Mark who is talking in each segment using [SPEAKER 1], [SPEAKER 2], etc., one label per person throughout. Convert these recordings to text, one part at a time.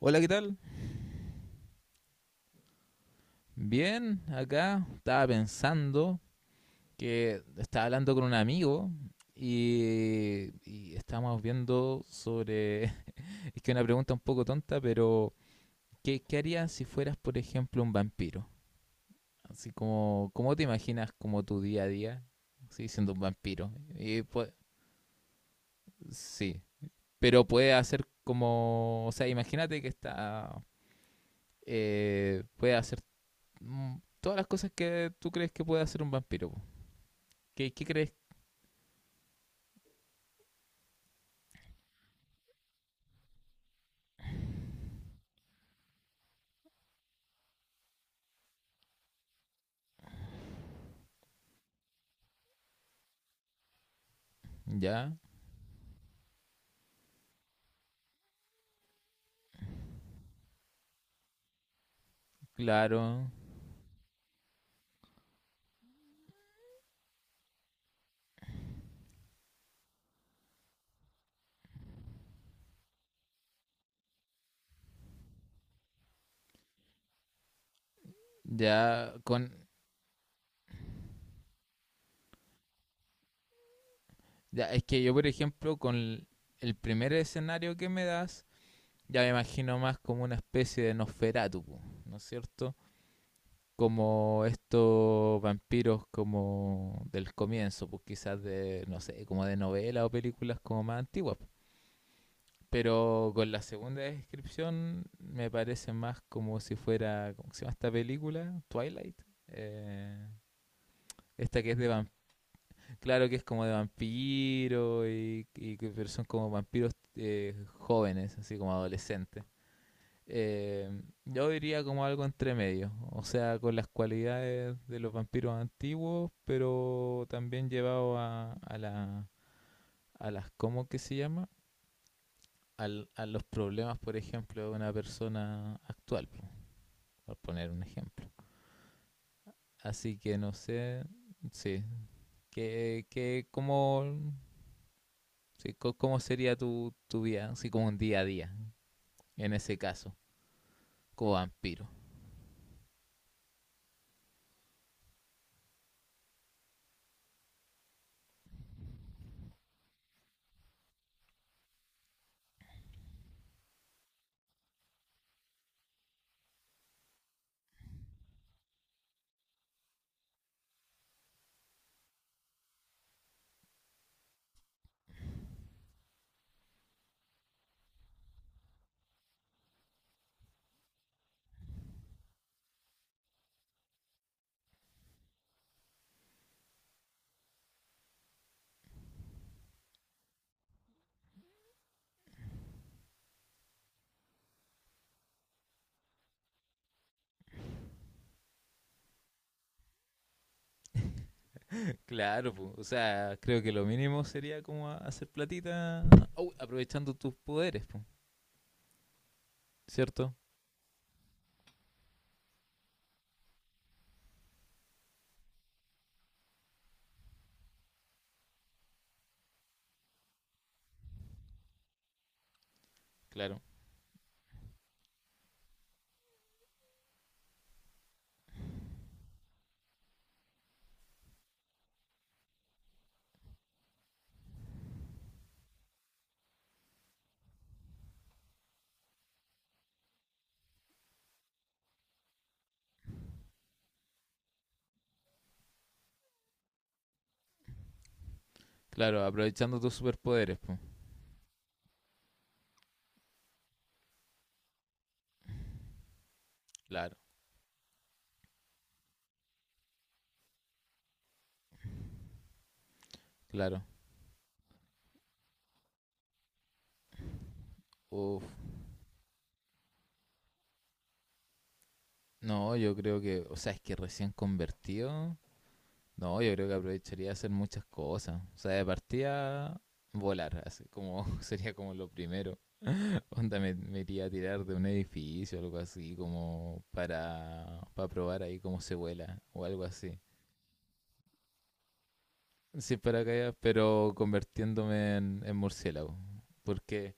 [SPEAKER 1] Hola, ¿qué tal? Bien, acá estaba pensando que estaba hablando con un amigo y estábamos viendo sobre, es que una pregunta un poco tonta, pero ¿qué harías si fueras, por ejemplo, un vampiro? Así como, ¿cómo te imaginas como tu día a día? Sí, siendo un vampiro. Y, pues, sí, pero puede hacer como, o sea, imagínate que está, puede hacer mm, todas las cosas que tú crees que puede hacer un vampiro, po. ¿Qué crees? Ya, claro. Ya, con. Ya, es que yo, por ejemplo, el primer escenario que me das, ya me imagino más como una especie de Nosferatu, po, ¿no es cierto? Como estos vampiros como del comienzo, pues quizás de, no sé, como de novelas o películas como más antiguas. Pero con la segunda descripción me parece más como si fuera, ¿cómo se llama esta película? Twilight. Eh, esta que es de claro que es como de vampiro, y pero son como vampiros jóvenes, así como adolescentes. Eh, yo diría como algo entre medio, o sea, con las cualidades de los vampiros antiguos, pero también llevado la, a las, ¿cómo que se llama? A los problemas, por ejemplo, de una persona actual, por poner un ejemplo. Así que no sé, sí, que como sí. ¿Cómo sería tu vida, así como un día a día, en ese caso, como vampiro? Claro, po, o sea, creo que lo mínimo sería como hacer platita, aprovechando tus poderes, po, ¿cierto? Claro, claro, aprovechando tus superpoderes, po. Claro, claro. Uf, no, yo creo que, o sea, es que recién convertido, no, yo creo que aprovecharía de hacer muchas cosas, o sea, de partida volar, así como sería como lo primero. Onda, me iría a tirar de un edificio o algo así, como para probar ahí cómo se vuela o algo así. Sin paracaídas, pero convirtiéndome en murciélago. Porque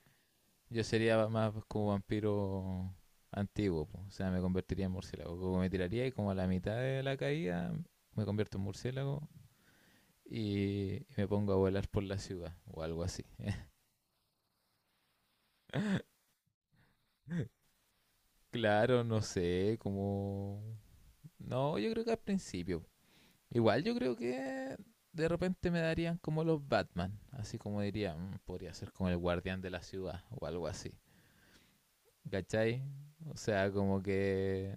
[SPEAKER 1] yo sería más como vampiro antiguo, po. O sea, me convertiría en murciélago. Como me tiraría y como a la mitad de la caída me convierto en murciélago y me pongo a volar por la ciudad o algo así. Claro, no sé, como... No, yo creo que al principio, igual yo creo que de repente me darían como los Batman, así como diría: "Mm, podría ser como el guardián de la ciudad o algo así. ¿Cachai?" O sea, como que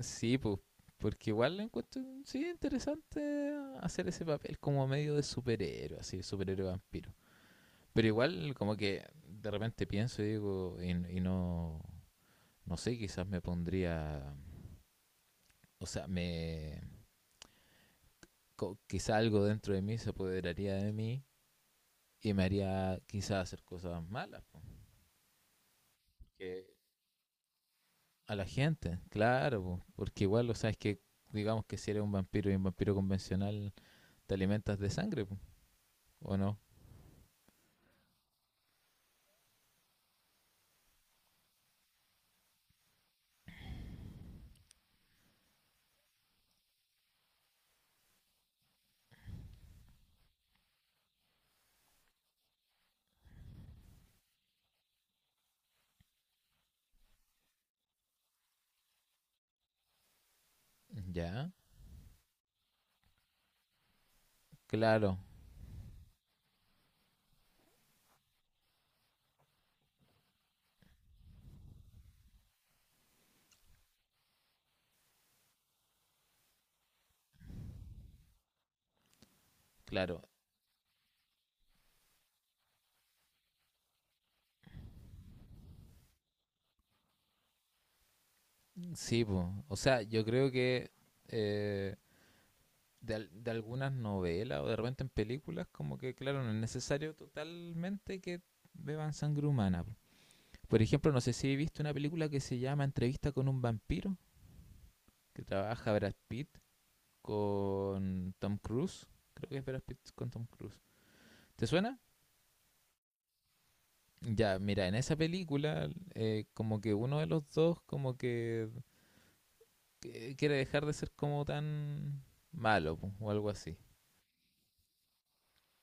[SPEAKER 1] sí, pues, porque igual lo encuentro sí interesante hacer ese papel como medio de superhéroe, así, superhéroe vampiro. Pero igual como que de repente pienso y digo, y no, no sé, quizás me pondría, o sea, me, quizá algo dentro de mí se apoderaría de mí y me haría quizás hacer cosas malas porque a la gente, claro, po, porque igual, o sea, es que digamos que si eres un vampiro y un vampiro convencional, te alimentas de sangre, po, ¿o no? Ya, claro, claro, sí, pues, o sea, yo creo que eh, de, de algunas novelas o de repente en películas, como que, claro, no es necesario totalmente que beban sangre humana, po. Por ejemplo, no sé si he visto una película que se llama Entrevista con un vampiro, que trabaja Brad Pitt con Tom Cruise. Creo que es Brad Pitt con Tom Cruise. ¿Te suena? Ya, mira, en esa película como que uno de los dos como que quiere dejar de ser como tan malo, po, o algo así.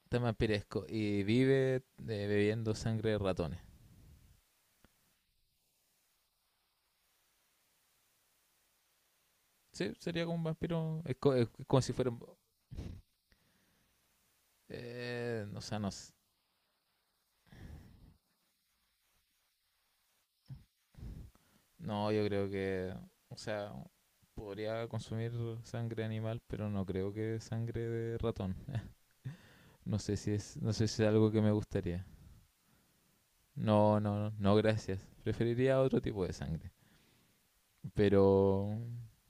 [SPEAKER 1] Tan vampiresco y vive bebiendo sangre de ratones. Sí, sería como un vampiro. Es, es como si fuera... o sea, no, s-, no, yo creo que... O sea, podría consumir sangre animal, pero no creo que sangre de ratón. No sé si es, no sé si es algo que me gustaría. No, no, no, no, gracias. Preferiría otro tipo de sangre. Pero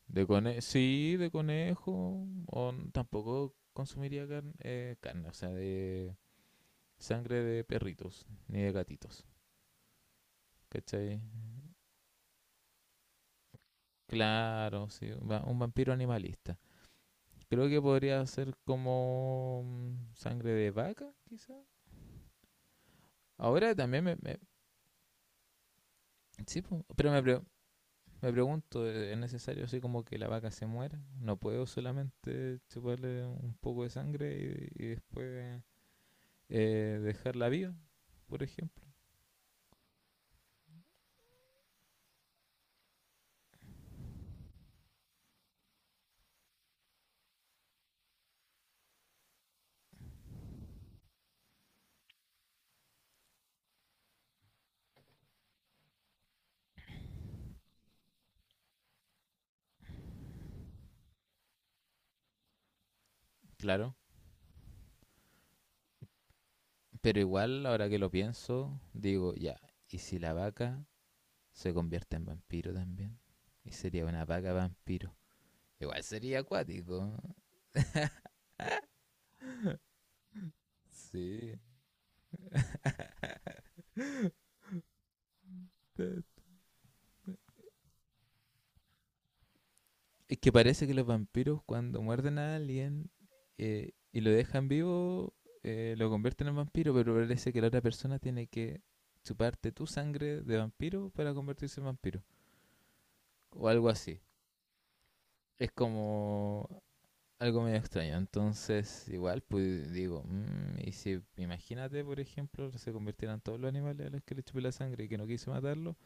[SPEAKER 1] de conejo, sí, de conejo. O n- tampoco consumiría carne, carne, o sea, de sangre de perritos ni de gatitos. ¿Cachai? Claro, sí, un un vampiro animalista. Creo que podría ser como sangre de vaca, quizá. Ahora también me... me-, sí, po, pero me, pre-, me pregunto, ¿e-, ¿es necesario así como que la vaca se muera? ¿No puedo solamente chuparle un poco de sangre y después dejarla viva, por ejemplo? Claro, pero igual ahora que lo pienso, digo, ya, ¿y si la vaca se convierte en vampiro también? Y sería una vaca vampiro. Igual sería acuático. Sí. Es que parece que los vampiros cuando muerden a alguien y lo dejan vivo, lo convierten en vampiro, pero parece que la otra persona tiene que chuparte tu sangre de vampiro para convertirse en vampiro. O algo así. Es como algo medio extraño. Entonces, igual, pues digo, mm, y si imagínate, por ejemplo, se convirtieran todos los animales a los que le chupé la sangre y que no quise matarlo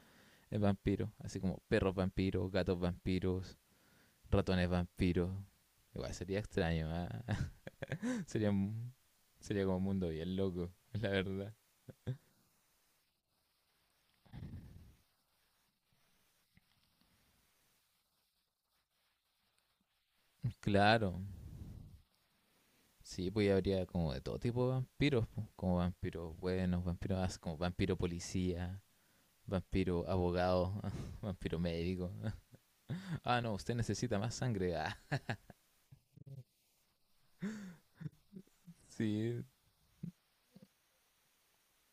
[SPEAKER 1] en vampiros. Así como perros vampiros, gatos vampiros, ratones vampiros. Igual sería extraño, ¿ah? Sería, sería como un mundo bien loco, la verdad. Claro. Sí, pues ya habría como de todo tipo de vampiros, po, como vampiros buenos, vampiros como vampiro policía, vampiro abogado, vampiro médico. Ah, no, usted necesita más sangre. Ah, sí,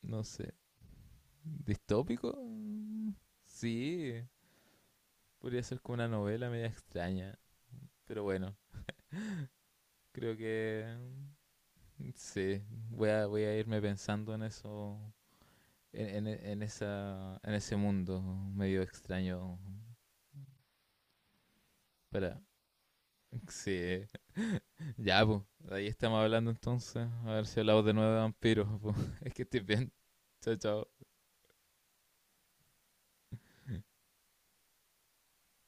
[SPEAKER 1] no sé. ¿Distópico? Mm, sí, podría ser como una novela media extraña, pero bueno, creo que mm, sí, voy a irme pensando en eso en, en esa, en ese mundo medio extraño. Para, sí, ya, pues, ahí estamos hablando entonces. A ver si hablamos de nuevo de vampiros, po. Es que estoy bien. Chao, chao.